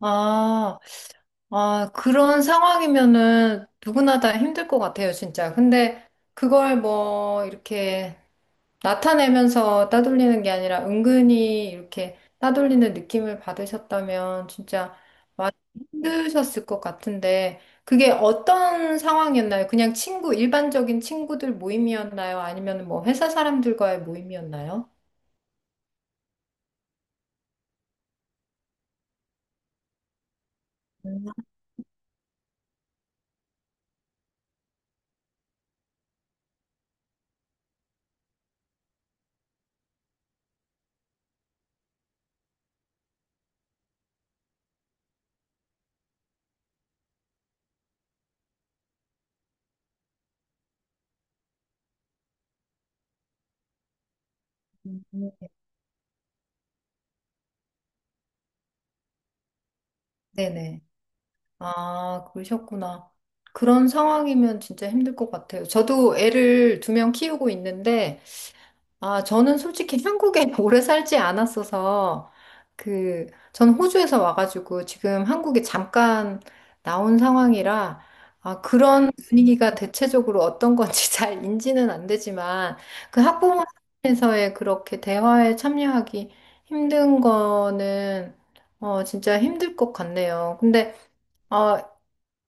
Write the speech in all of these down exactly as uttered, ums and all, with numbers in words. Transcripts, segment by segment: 아, 아, 그런 상황이면은 누구나 다 힘들 것 같아요, 진짜. 근데 그걸 뭐 이렇게 나타내면서 따돌리는 게 아니라 은근히 이렇게 따돌리는 느낌을 받으셨다면 진짜 많이 힘드셨을 것 같은데 그게 어떤 상황이었나요? 그냥 친구, 일반적인 친구들 모임이었나요? 아니면 뭐 회사 사람들과의 모임이었나요? 음. 네네. 아, 그러셨구나. 그런 상황이면 진짜 힘들 것 같아요. 저도 애를 두 명 키우고 있는데, 아, 저는 솔직히 한국에 오래 살지 않았어서, 그, 전 호주에서 와가지고 지금 한국에 잠깐 나온 상황이라, 아, 그런 분위기가 대체적으로 어떤 건지 잘 인지는 안 되지만, 그 학부모에서의 그렇게 대화에 참여하기 힘든 거는, 어, 진짜 힘들 것 같네요. 근데, 어,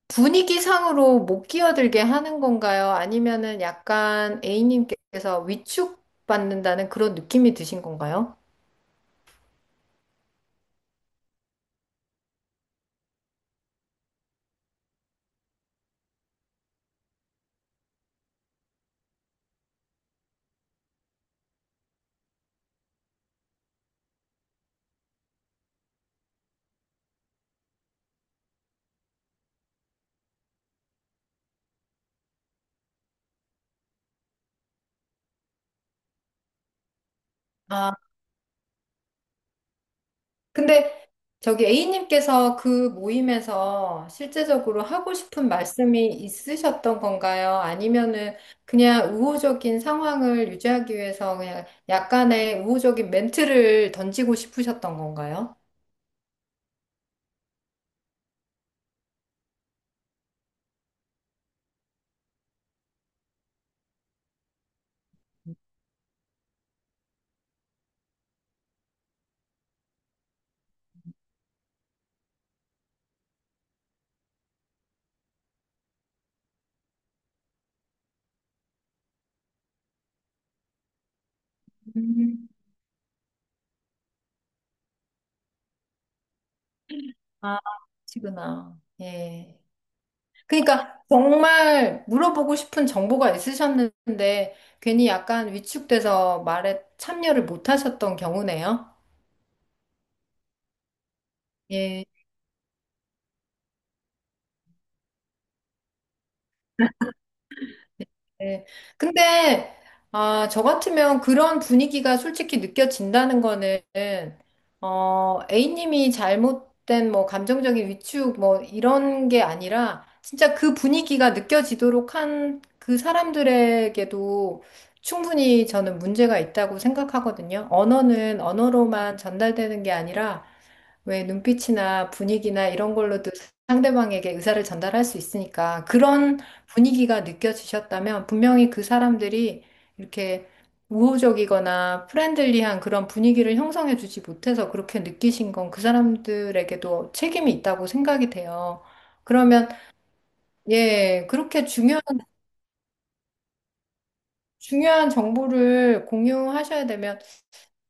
분위기상으로 못 끼어들게 하는 건가요? 아니면은 약간 A님께서 위축받는다는 그런 느낌이 드신 건가요? 아, 근데 저기 A님께서 그 모임에서 실제적으로 하고 싶은 말씀이 있으셨던 건가요? 아니면은 그냥 우호적인 상황을 유지하기 위해서 그냥 약간의 우호적인 멘트를 던지고 싶으셨던 건가요? 음, 아, 그러시구나. 예. 그러니까 정말 물어보고 싶은 정보가 있으셨는데 괜히 약간 위축돼서 말에 참여를 못 하셨던 경우네요. 예. 네. 근데, 아, 저 같으면 그런 분위기가 솔직히 느껴진다는 거는, 어, A님이 잘못된 뭐 감정적인 위축 뭐 이런 게 아니라, 진짜 그 분위기가 느껴지도록 한 그 사람들에게도 충분히 저는 문제가 있다고 생각하거든요. 언어는 언어로만 전달되는 게 아니라, 왜 눈빛이나 분위기나 이런 걸로도 상대방에게 의사를 전달할 수 있으니까 그런 분위기가 느껴지셨다면 분명히 그 사람들이 이렇게 우호적이거나 프렌들리한 그런 분위기를 형성해 주지 못해서 그렇게 느끼신 건 그 사람들에게도 책임이 있다고 생각이 돼요. 그러면 예, 그렇게 중요한 중요한 정보를 공유하셔야 되면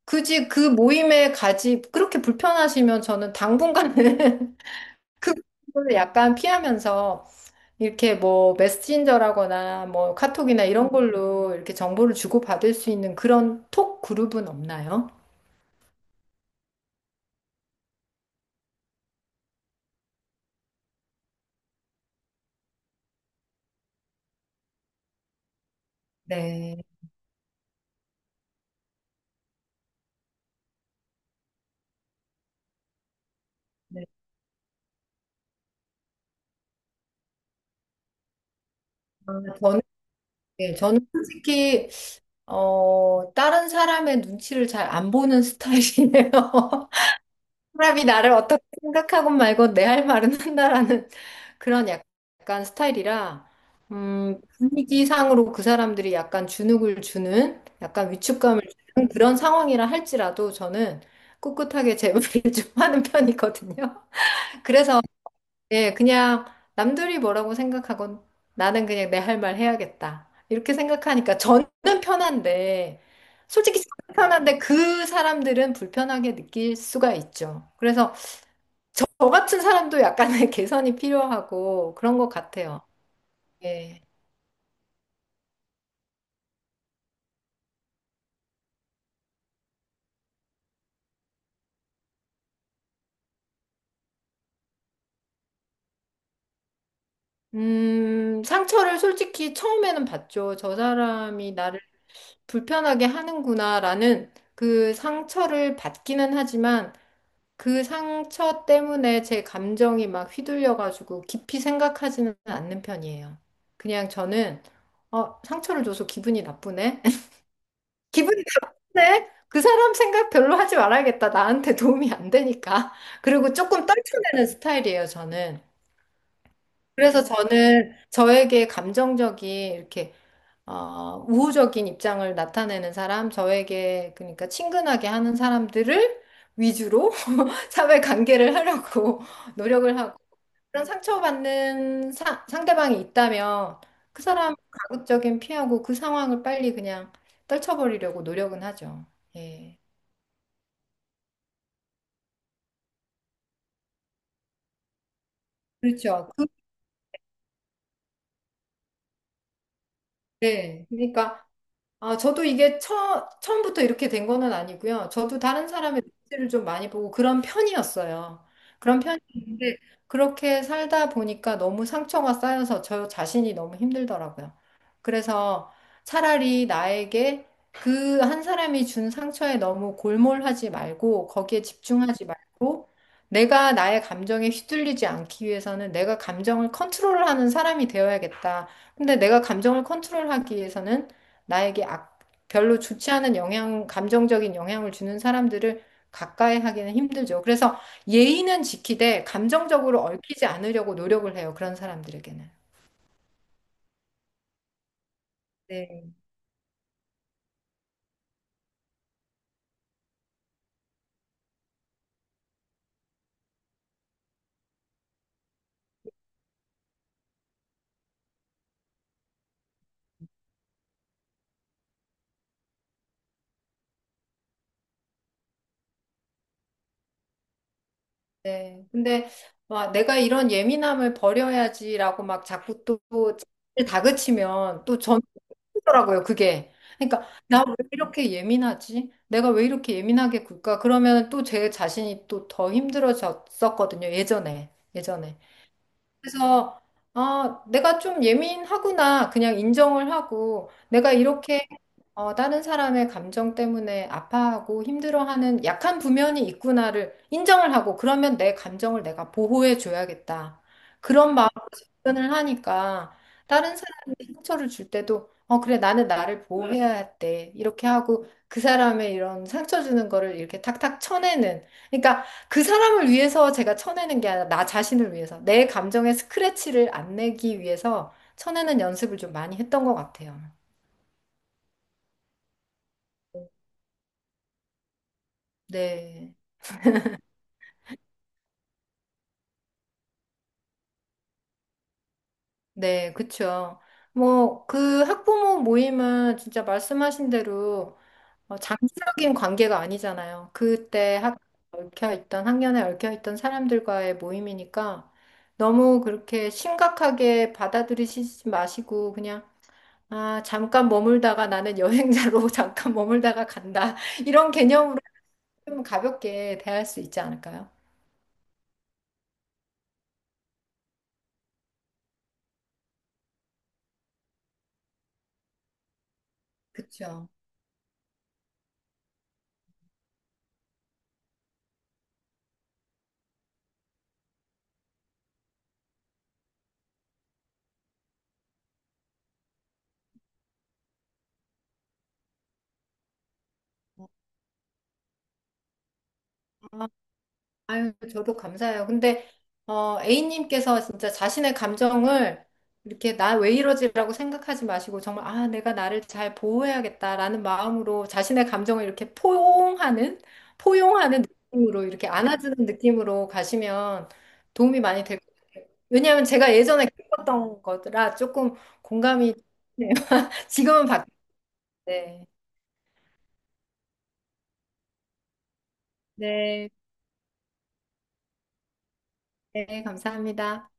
굳이 그 모임에 가지 그렇게 불편하시면 저는 당분간은 그걸 약간 피하면서 이렇게 뭐 메신저라거나 뭐 카톡이나 이런 걸로 이렇게 정보를 주고받을 수 있는 그런 톡 그룹은 없나요? 네. 네. 아, 저는, 네, 저는 솔직히, 어, 다른 사람의 눈치를 잘 안 보는 스타일이네요. 사람이 나를 어떻게 생각하건 말건 내 할 말은 한다라는 그런 약간 스타일이라 음, 분위기상으로 그 사람들이 약간 주눅을 주는 약간 위축감을 주는 그런 상황이라 할지라도 저는 꿋꿋하게 제 말을 좀 하는 편이거든요. 그래서 예, 그냥 남들이 뭐라고 생각하건 나는 그냥 내 할 말 해야겠다. 이렇게 생각하니까 저는 편한데 솔직히 저는 편한데 그 사람들은 불편하게 느낄 수가 있죠. 그래서 저 같은 사람도 약간의 개선이 필요하고 그런 것 같아요. 예. 음, 상처를 솔직히 처음에는 받죠. 저 사람이 나를 불편하게 하는구나라는 그 상처를 받기는 하지만 그 상처 때문에 제 감정이 막 휘둘려가지고 깊이 생각하지는 않는 편이에요. 그냥 저는 어, 상처를 줘서 기분이 나쁘네. 기분이 나쁜데 그 사람 생각 별로 하지 말아야겠다. 나한테 도움이 안 되니까. 그리고 조금 떨쳐내는 스타일이에요, 저는. 그래서 저는 저에게 감정적인 이렇게 어, 우호적인 입장을 나타내는 사람, 저에게 그러니까 친근하게 하는 사람들을 위주로 사회 관계를 하려고 노력을 하고 그런 상처받는 사, 상대방이 있다면 그 사람 가급적인 피하고 그 상황을 빨리 그냥 떨쳐버리려고 노력은 하죠. 예. 그렇죠. 그, 네. 그러니까 아, 저도 이게 처, 처음부터 이렇게 된 거는 아니고요. 저도 다른 사람의 눈치를 좀 많이 보고 그런 편이었어요. 그런 편이었는데 그렇게 살다 보니까 너무 상처가 쌓여서 저 자신이 너무 힘들더라고요. 그래서 차라리 나에게 그 한 사람이 준 상처에 너무 골몰하지 말고 거기에 집중하지 말고 내가 나의 감정에 휘둘리지 않기 위해서는 내가 감정을 컨트롤하는 사람이 되어야겠다. 근데 내가 감정을 컨트롤하기 위해서는 나에게 악, 별로 좋지 않은 영향, 감정적인 영향을 주는 사람들을 가까이 하기는 힘들죠. 그래서 예의는 지키되 감정적으로 얽히지 않으려고 노력을 해요. 그런 사람들에게는. 네. 네. 근데 막 내가 이런 예민함을 버려야지라고 막 자꾸 또 자기를 다그치면 또 저는 힘들더라고요. 그게. 그러니까 나 왜 이렇게 예민하지? 내가 왜 이렇게 예민하게 굴까? 그러면 또 제 자신이 또 더 힘들어졌었거든요. 예전에. 예전에. 그래서 아, 내가 좀 예민하구나 그냥 인정을 하고 내가 이렇게 어, 다른 사람의 감정 때문에 아파하고 힘들어하는 약한 부면이 있구나를 인정을 하고 그러면 내 감정을 내가 보호해 줘야겠다. 그런 마음으로 접근을 하니까 다른 사람이 상처를 줄 때도 어, 그래 나는 나를 보호해야 돼. 이렇게 하고 그 사람의 이런 상처 주는 거를 이렇게 탁탁 쳐내는 그러니까 그 사람을 위해서 제가 쳐내는 게 아니라 나 자신을 위해서 내 감정에 스크래치를 안 내기 위해서 쳐내는 연습을 좀 많이 했던 것 같아요. 네, 네, 그쵸. 뭐, 그 학부모 모임은 진짜 말씀하신 대로 어, 장기적인 관계가 아니잖아요. 그때 학, 얽혀있던, 학년에 얽혀있던 사람들과의 모임이니까 너무 그렇게 심각하게 받아들이시지 마시고 그냥 아, 잠깐 머물다가 나는 여행자로 잠깐 머물다가 간다. 이런 개념으로 좀 가볍게 대할 수 있지 않을까요? 그쵸. 아, 아유, 저도 감사해요. 근데, 어, A님께서 진짜 자신의 감정을 이렇게 나 왜 이러지라고 생각하지 마시고, 정말, 아, 내가 나를 잘 보호해야겠다라는 마음으로 자신의 감정을 이렇게 포용하는, 포용하는 느낌으로, 이렇게 안아주는 느낌으로 가시면 도움이 많이 될 것 같아요. 왜냐하면 제가 예전에 겪었던 거라 조금 공감이, 되네요. 지금은 바뀌었네. 네, 네, 감사합니다.